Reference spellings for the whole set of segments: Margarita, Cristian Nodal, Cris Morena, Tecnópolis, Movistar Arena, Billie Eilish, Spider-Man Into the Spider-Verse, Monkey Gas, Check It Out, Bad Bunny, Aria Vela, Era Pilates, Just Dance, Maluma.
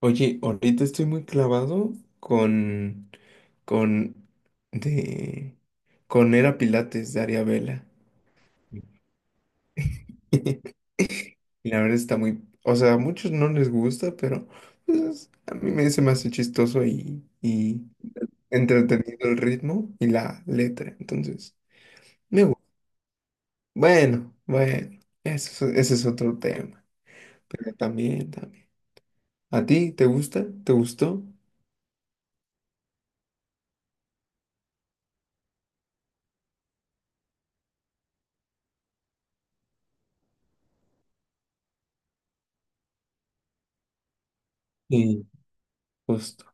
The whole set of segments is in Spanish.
Oye, ahorita estoy muy clavado con, con, de, con Era Pilates de Aria Vela. Y la verdad está muy, o sea, a muchos no les gusta, pero pues, se me hace chistoso y entretenido el ritmo y la letra. Entonces, me gusta. Bueno, bueno, ese es otro tema. Pero también, también. ¿A ti te gusta? ¿Te gustó? Sí, justo.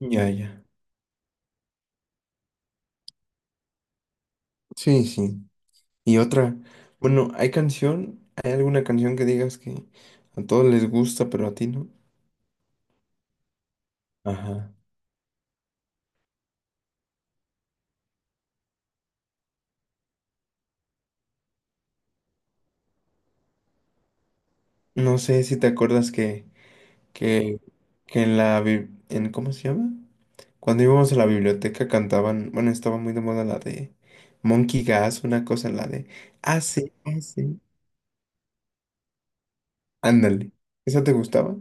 Ya, ya. Sí, sí. Y otra, bueno, ¿hay canción? ¿Hay alguna canción que digas que a todos les gusta, pero a ti no? Ajá. No sé si te acuerdas que, que en la, bi- en, ¿cómo se llama? Cuando íbamos a la biblioteca cantaban, bueno, estaba muy de moda la de Monkey Gas, una cosa, la de hace. Ándale. ¿Esa te gustaba?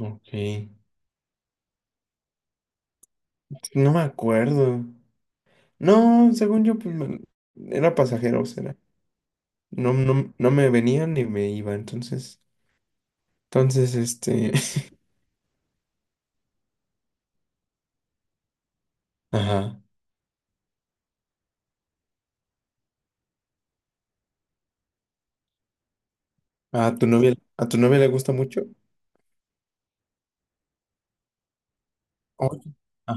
Ok. No me acuerdo. No, según yo, era pasajero, no me venía ni me iba, entonces, ajá, a tu novia le gusta mucho. Oye, ajá.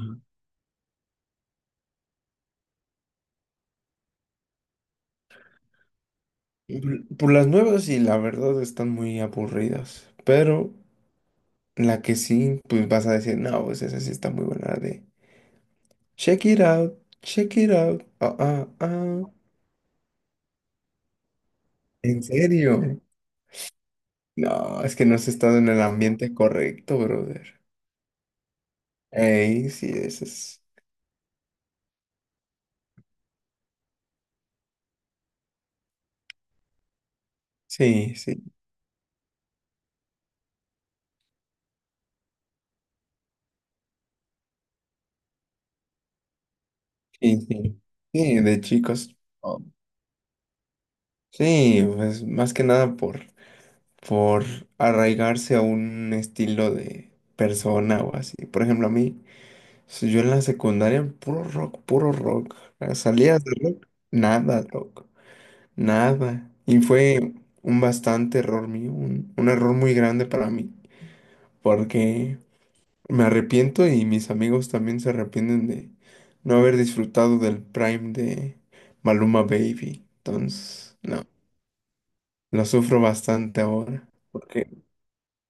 Por las nuevas sí la verdad están muy aburridas, pero la que sí, pues vas a decir, no, pues esa sí está muy buena, la de Check It Out, Check It Out, ah, ah, ah. ¿En serio? No, es que no has estado en el ambiente correcto, brother. Ey, sí, eso es, sí, sí. Sí, sí, sí, de chicos. Oh, sí, pues más que nada por, por arraigarse a un estilo de persona o así. Por ejemplo, a mí, si yo en la secundaria, puro rock, puro rock. Salías de rock, nada rock, nada. Y fue un bastante error mío, un error muy grande para mí, porque me arrepiento y mis amigos también se arrepienten de no haber disfrutado del Prime de Maluma Baby. Entonces, no, lo sufro bastante ahora. Porque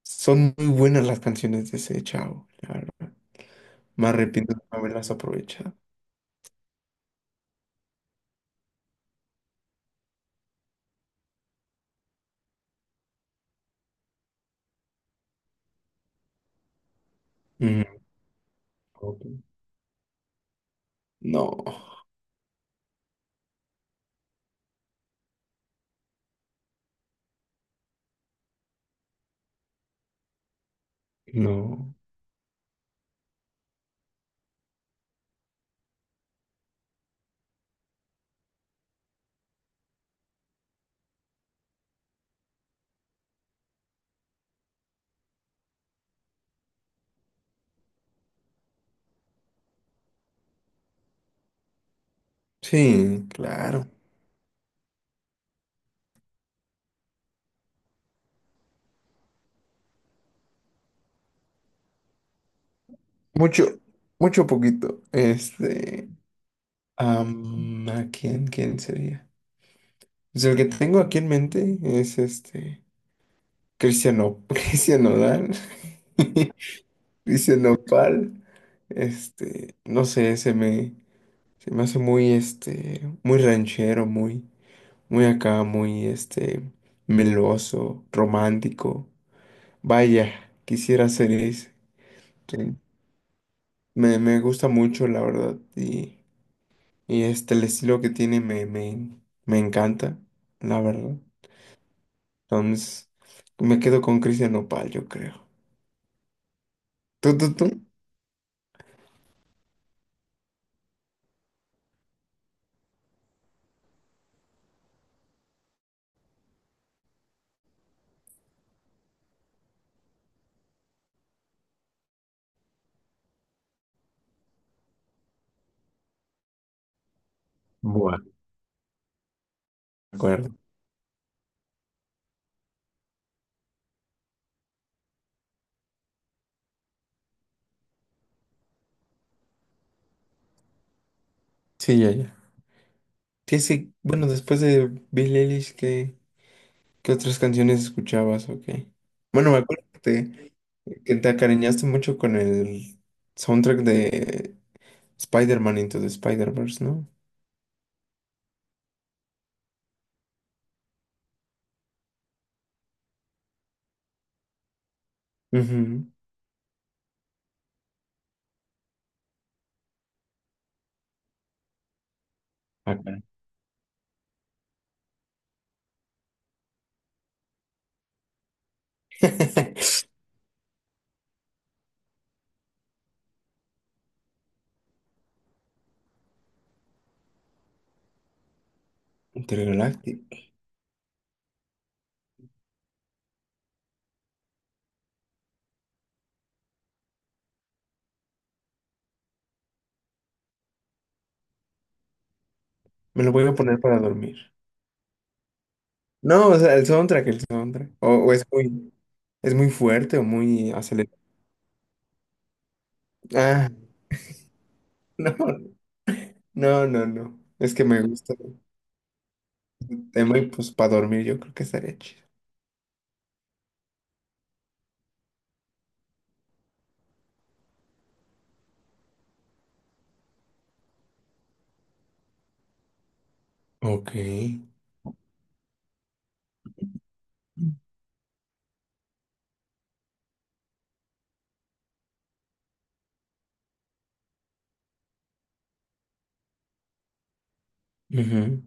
son muy buenas las canciones de ese chavo, la verdad. Me arrepiento de no haberlas aprovechado. Mm, ok. No, no. Sí, claro. Mucho, mucho poquito. ¿A quién, quién sería? Pues el que tengo aquí en mente es este. Cristiano, Cristian Nodal, Cristian Nopal, este, no sé, se me hace muy, este, muy ranchero, muy, muy acá, muy, este, meloso, romántico. Vaya, quisiera ser ese. Sí, me gusta mucho, la verdad, y el estilo que tiene me encanta, la verdad. Entonces, me quedo con Cristian Nopal, yo creo. ¿Tú? Bueno. De acuerdo. Sí, ya, ya. ¿Qué sí? Bueno, después de Bill Eilish, ¿qué otras canciones escuchabas o qué? Bueno, me acuerdo que te acariñaste mucho con el soundtrack de Spider-Man Into the Spider-Verse, ¿no? Ujú. Ah, caray. Intergaláctico. Me lo voy a poner para dormir. No, o sea, el soundtrack. O es muy fuerte o muy acelerado. Ah, no, no, no, no. Es que me gusta el tema y pues para dormir yo creo que estaría chido. Ok. Ujú.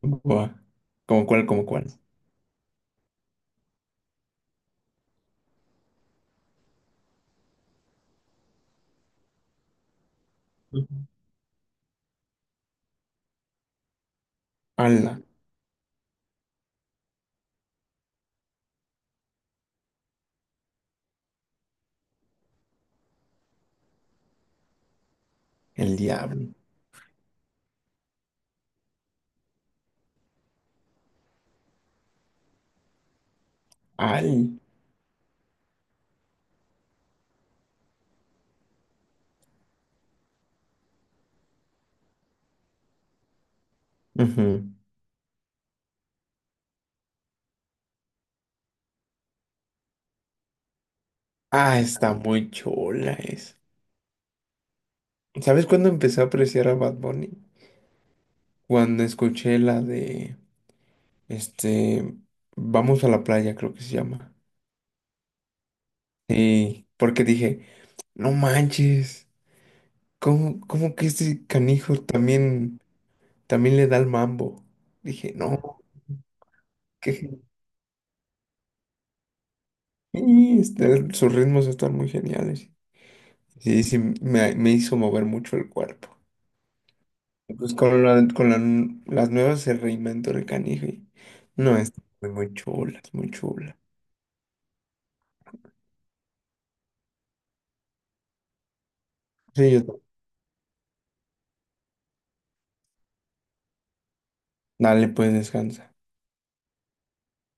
Buah. ¿Cómo cuál? ¿Cómo cuál? Ujú. Ala, el diablo. Al, ujú. Ah, está muy chula es. ¿Sabes cuándo empecé a apreciar a Bad Bunny? Cuando escuché la de, este, Vamos a la playa, creo que se llama. Sí, porque dije, no manches, ¿cómo que este canijo también, también le da el mambo? Dije, no, qué. Y este, sus ritmos están muy geniales. Sí, sí, me hizo mover mucho el cuerpo. Pues con las nuevas se reinventó el canijo. No, es muy, muy chula, es muy chula. Sí, yo. Dale, pues descansa.